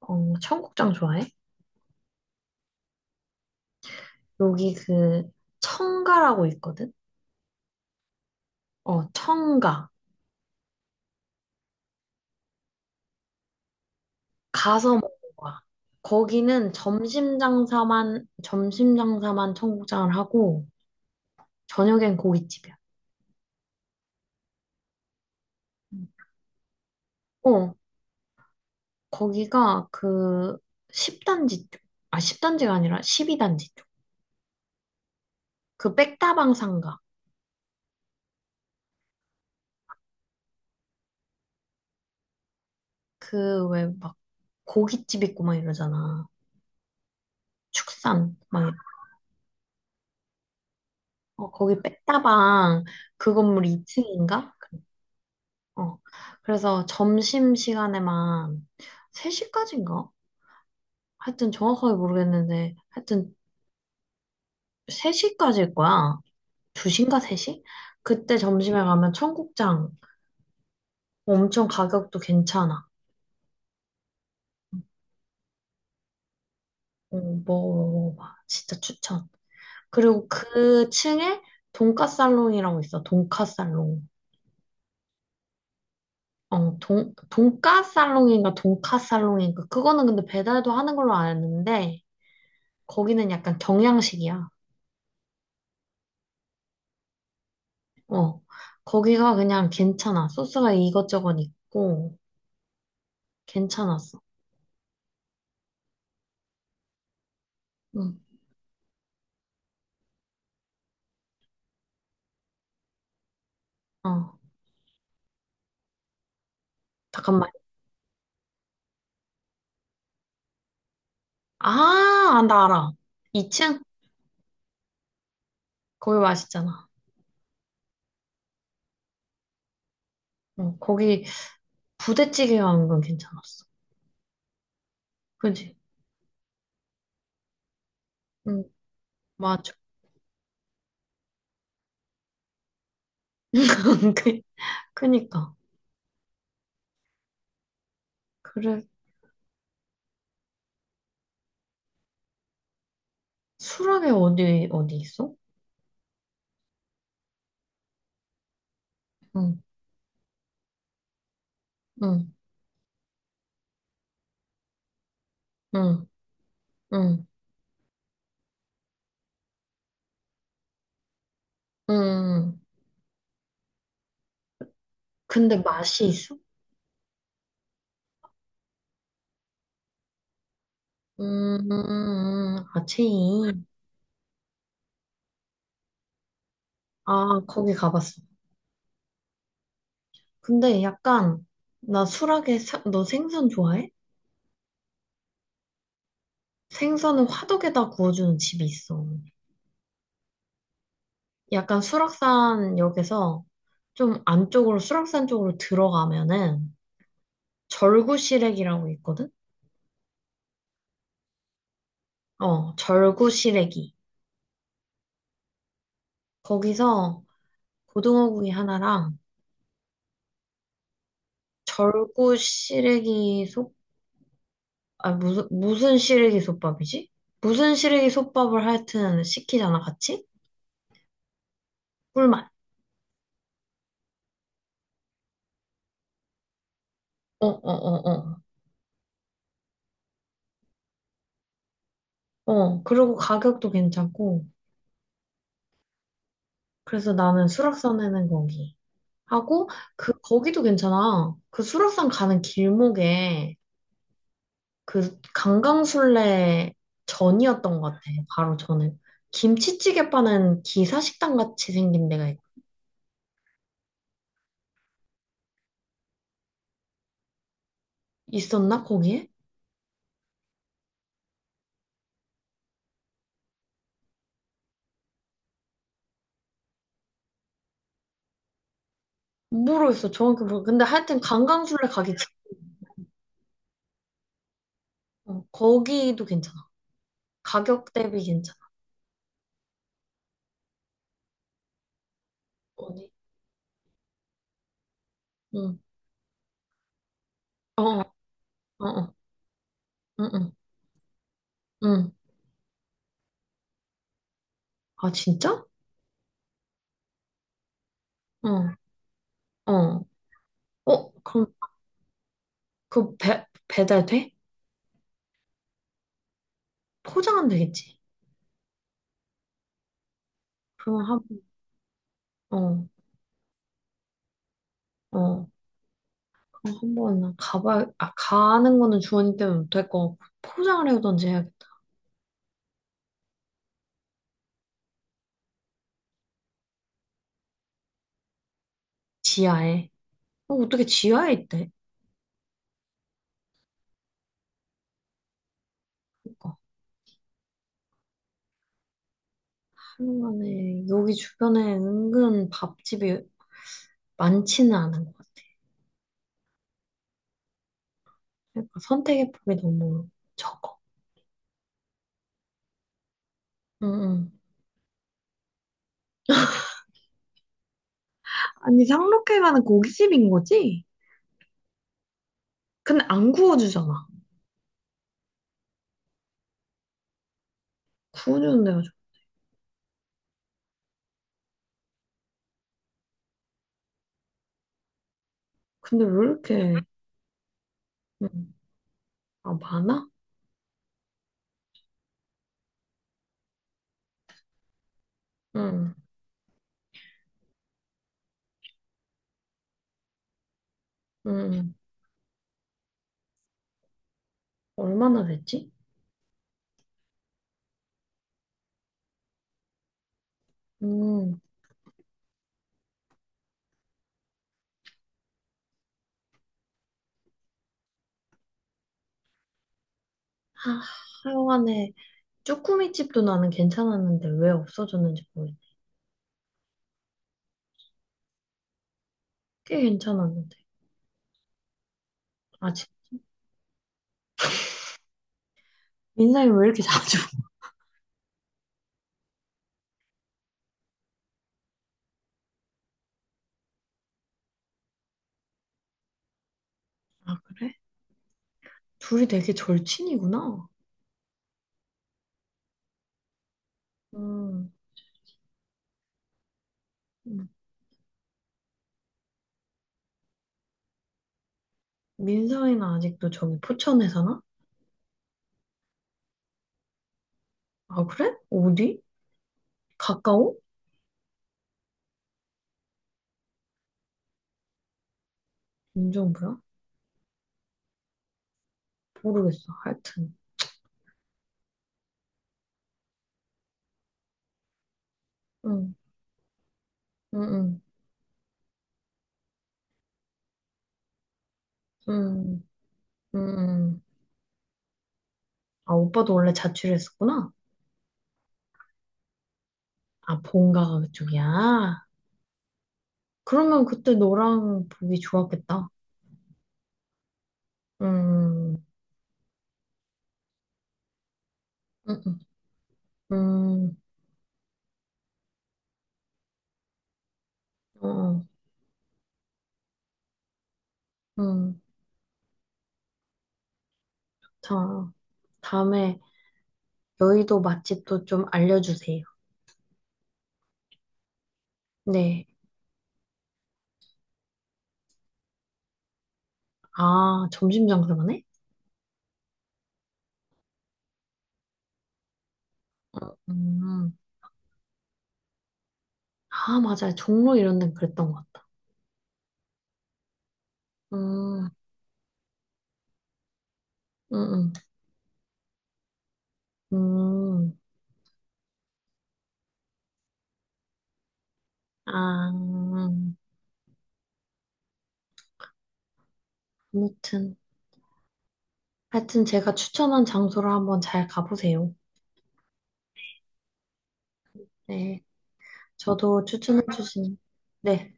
어, 청국장 좋아해? 여기 그 청가라고 있거든? 어, 청가. 가서 먹는 거야. 거기는 점심 장사만 청국장을 하고, 저녁엔 고깃집이야. 음. 어, 거기가 그 10단지 쪽. 아, 10단지가 아니라 12단지 쪽. 그 백다방 상가. 그 왜 막 고깃집 있고 막 이러잖아. 축산. 막, 어, 거기 백다방 그 건물 2층인가? 어. 그래서 점심 시간에만 3시까지인가? 하여튼 정확하게 모르겠는데, 하여튼 3시까지일 거야. 2시인가 3시? 그때 점심에 가면 청국장 엄청 가격도 괜찮아. 어, 먹어봐. 진짜 추천. 그리고 그 층에 돈까살롱이라고 있어. 돈까살롱. 어, 돈까살롱인가 돈까살롱인가. 그거는 근데 배달도 하는 걸로 아는데, 거기는 약간 경양식이야. 어, 거기가 그냥 괜찮아. 소스가 이것저것 있고, 괜찮았어. 응, 어, 잠깐만. 아, 아, 나 알아. 2층? 거기 맛있잖아. 어, 거기 부대찌개 가 는 건 괜찮았어. 그지? 응, 맞아. 그- 그니까. 그래, 수락에 어디 있어? 응, 응, 응, 응, 응. 근데 맛이 있어? 아, 체인. 아, 거기 가봤어. 근데 약간, 나 수락에, 너 생선 좋아해? 생선을 화덕에다 구워주는 집이 있어. 약간 수락산 역에서 좀 안쪽으로, 수락산 쪽으로 들어가면은 절구시래기라고 있거든? 어, 절구시래기. 거기서 고등어구이 하나랑 절구시래기 솥, 아, 무슨 시래기 솥밥이지? 무슨 시래기 솥밥을 하여튼 시키잖아, 같이? 꿀맛. 어, 어, 어, 어. 어, 그리고 가격도 괜찮고. 그래서 나는 수락산 해는 거기 하고 그 거기도 괜찮아. 그 수락산 가는 길목에 그 강강술래 전이었던 것 같아. 바로 전에 김치찌개 파는 기사식당 같이 생긴 데가 있었나 거기에? 모르겠어 정확히 모르. 근데 하여튼 강강술래 가기 어, 거기도 괜찮아. 가격 대비 괜찮아. 어디? 응. 어, 어, 어, 어. 응, 응, 응. 아 진짜? 어, 어. 어, 그럼 그 배달 돼? 포장은 되겠지. 그건 한, 어, 어, 그럼 한번 가봐, 아, 가는 거는 주원이 때문에 못할 거 같고, 포장을 해오던지 해야겠다. 지하에. 어, 어떻게 지하에 있대? 그니까 한간에 여기 주변에 은근 밥집이 많지는 않은 것 같아. 그러니까 선택의 폭이 너무 적어. 응, 응. 아니, 상록회 가는 고깃집인 거지? 근데 안 구워주잖아. 구워주는 데가 좋 근데 왜 이렇게, 응. 아, 많아? 응, 응. 얼마나 됐지? 음, 아, 하여간에 쭈꾸미 집도 나는 괜찮았는데 왜 없어졌는지 모르겠네. 꽤 괜찮았는데. 아직 민상이 왜 이렇게 자주? 아, 그래? 둘이 되게 절친이구나. 음, 음. 민상이는 아직도 저기 포천에 사나? 아, 그래? 어디? 가까워? 인정부야 모르겠어. 하여튼. 응, 응, 응, 응, 응. 응. 아, 오빠도 원래 자취를 했었구나? 아, 본가가 그쪽이야? 그러면 그때 너랑 보기 좋았겠다. 응응 음, 음. 음, 어, 음, 자, 다음에 여의도 맛집도 좀 알려주세요. 네. 아, 점심 장사만해? 어, 아, 맞아요. 종로 이런 데는 그랬던 것 같다. 음, 음, 음, 음, 아, 아무튼. 하여튼 제가 추천한 장소를 한번 잘 가보세요. 네. 저도 추천해주신, 네.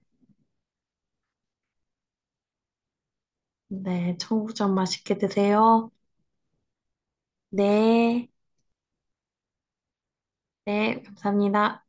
네. 청국장 맛있게 드세요. 네. 네. 감사합니다.